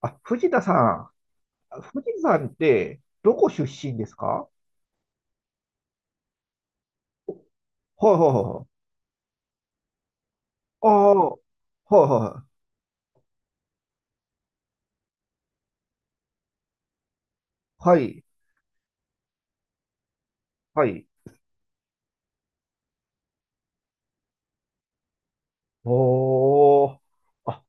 あ、藤田さん。藤田さんって、どこ出身ですか？はいはいはいはい。ああ、はいはいはい。はい。おお。あ、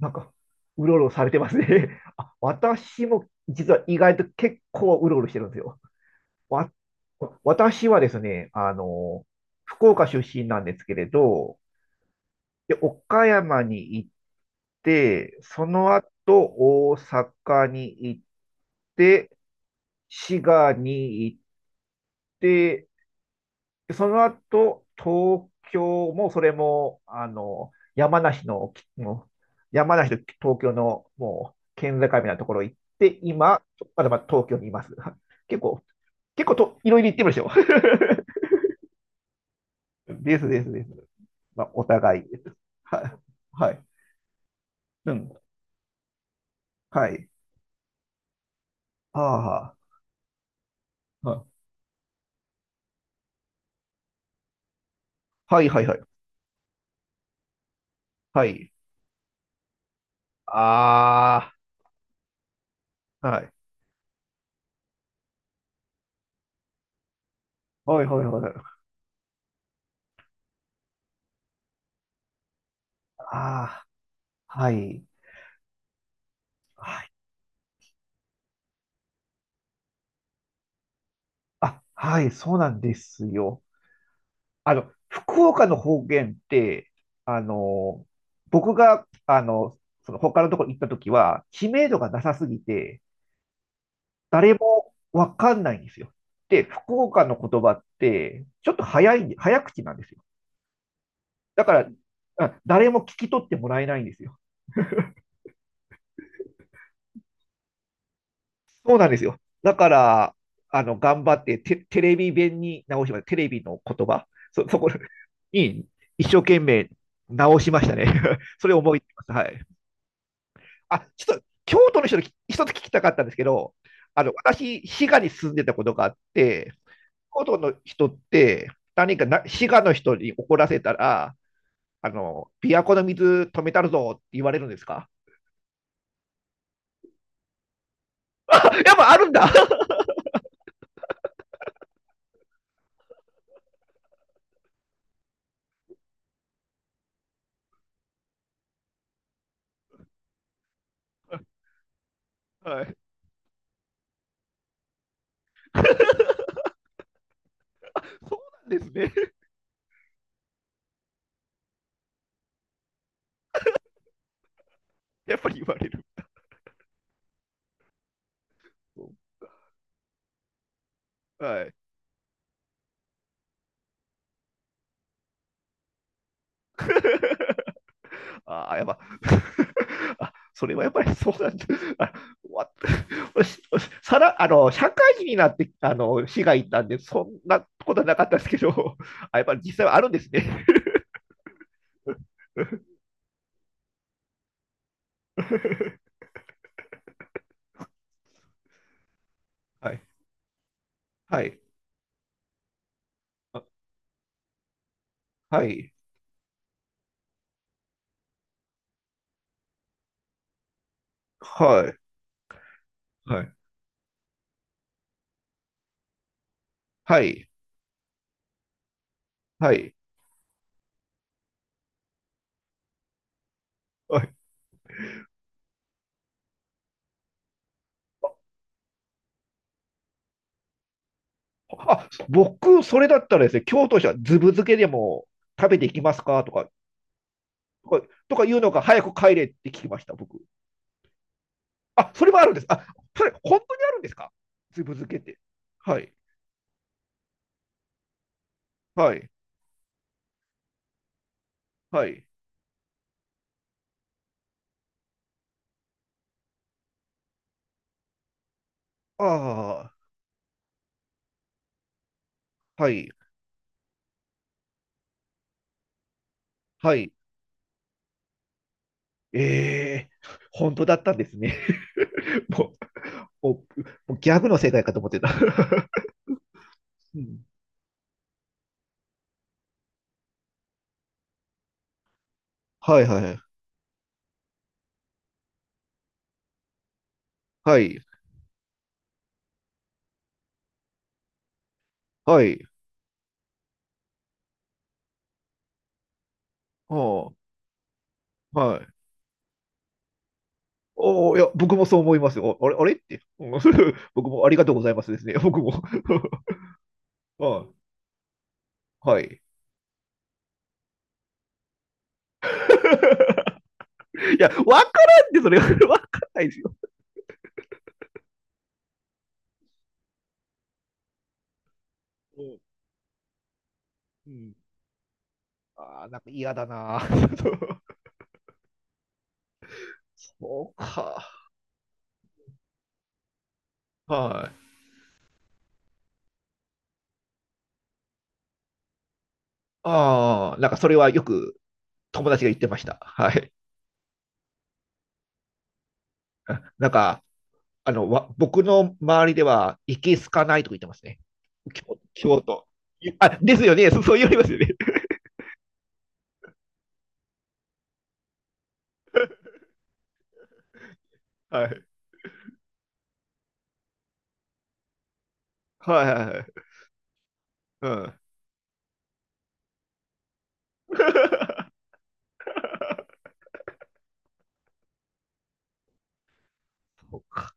なんか、うろうろされてますね。あ、私も実は意外と結構うろうろしてるんですよ。わ、私はですね、福岡出身なんですけれど、で、岡山に行って、その後大阪に行って、滋賀に行っで、その後、東京もそれも、山梨の、もう山梨と東京のもう県境みたいなところ行って、今、まだまだ東京にいます。結構、結構と、いろいろ行ってましょ。 ですですです。まあ、お互いです。はい。はい。うん。はい。ああ。はいはいはいはい。はい。ああ。はい。はいはいはいはい。ああ。はい。はい。あ、はい。そうなんですよ。あの、福岡の方言って、あの、僕が、その他のところに行った時は、知名度がなさすぎて、誰もわかんないんですよ。で、福岡の言葉って、ちょっと早口なんですよ。だから、誰も聞き取ってもらえないんですよ。そうなんですよ。だから、頑張ってテレビ弁に直しました。テレビの言葉、そこに一生懸命直しましたね。それを思いつしました。はい。あ、ちょっと、京都の人に一つ聞きたかったんですけど、私、滋賀に住んでたことがあって、京都の人って、何かな滋賀の人に怒らせたら、琵琶湖の水止めたるぞって言われるんですか？あ やっぱあるんだ はい。そうなんですね。やっぱり言われる。はい。ああ、やっぱ あ、それはやっぱりそうなんだ。あわさら、社会人になって、市が行ったんで、そんなことはなかったですけど、あ、やっぱり実際はあるんですね。はい、はい、あはい、はい、はい、はい、はい。はい。あ、僕、それだったらですね、京都市はずぶ漬けでも食べていきますか、とか言うのが早く帰れって聞きました、僕。あ、それもあるんです。あ、それ、本当にあるんですか？ずぶ漬けって。はい、はい、はい。ああ、はい、はい。ええ、本当だったんですね。もう、もう、もうギャグの世界かと思ってた。うん。はいはい。はい。はい。はあ、はい。おお、いや、僕もそう思いますよ。あれ、あれって。うん。 僕もありがとうございますですね。僕も。はい。はい。いや、わからんって、それ。わかんないですよ。うんうん。ああ、なんか嫌だな。そうか。はい。ああ、なんかそれはよく友達が言ってました。はい。なんか、僕の周りでは、いけすかないとか言ってますね。京都。あ、ですよね。そう言われますよね。はい。はいはいはい。うん。そうか。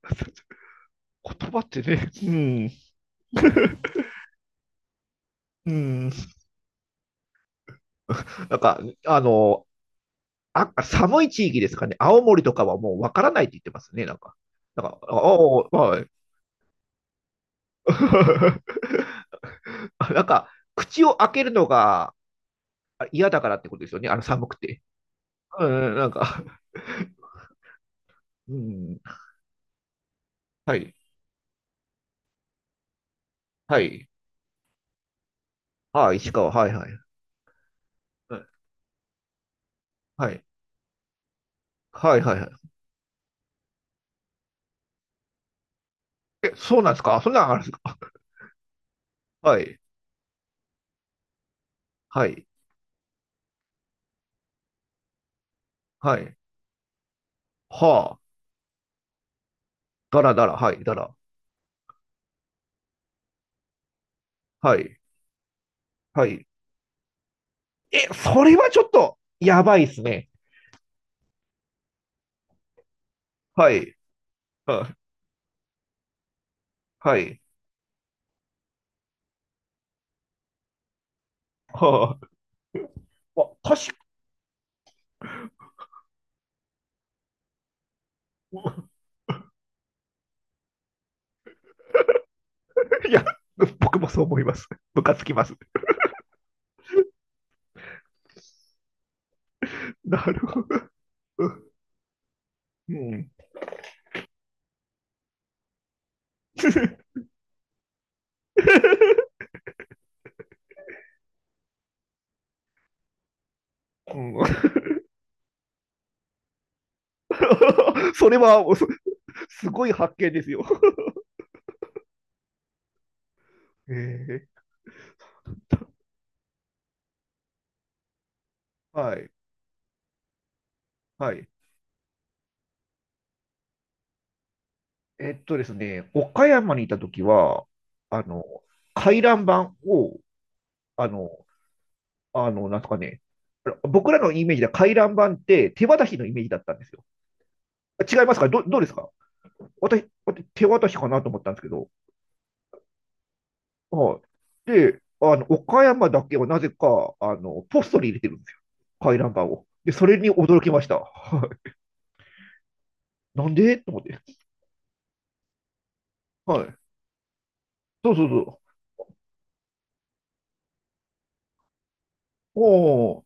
言葉ってね、うん。うん。なんか、あの、寒い地域ですかね。青森とかはもうわからないって言ってますね。なんか。なんか、はい。なんか、口を開けるのが嫌だからってことですよね。あの寒くて。うんうん、なんか。うん。はい。はい。ああ、石川。はいはい。はい。はいはいはい。え、そうなんですか？そんなんあるんですか？ はい。はい。はい。はあ。だらだら。はい。だら。はい。はい。え、それはちょっと、やばいっすね。はい。はあはい。はあ。あ、確か、いや、僕もそう思います。ムカつきます。なるほど。うん。うん それは、すごい発見ですよ。えーはい。はい。ですね、岡山にいた時は、あの、回覧板を、あの、なんとかね、僕らのイメージでは回覧板って手渡しのイメージだったんですよ。違いますか？どうですか？私手渡しかなと思ったんですけど、はい。で、岡山だけはなぜか、ポストに入れてるんですよ。回覧板を。で、それに驚きました。なんでと思って。はい。そうそうそう。お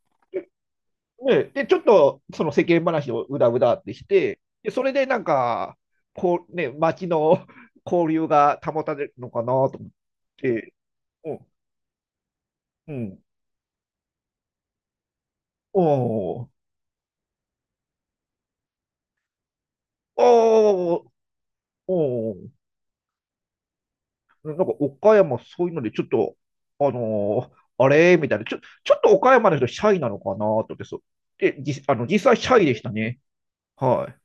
ね、で、ちょっとその世間話をうだうだってして、で、それでなんか、こうね、街の 交流が保たれるのかなと思って、うん、うん、おー、おー、おー、なんか岡山そういうのでちょっと、あれみたいな、ちょっと岡山の人シャイなのかなと思って、そう。で、じ、あの、実際シャイでしたね。はい。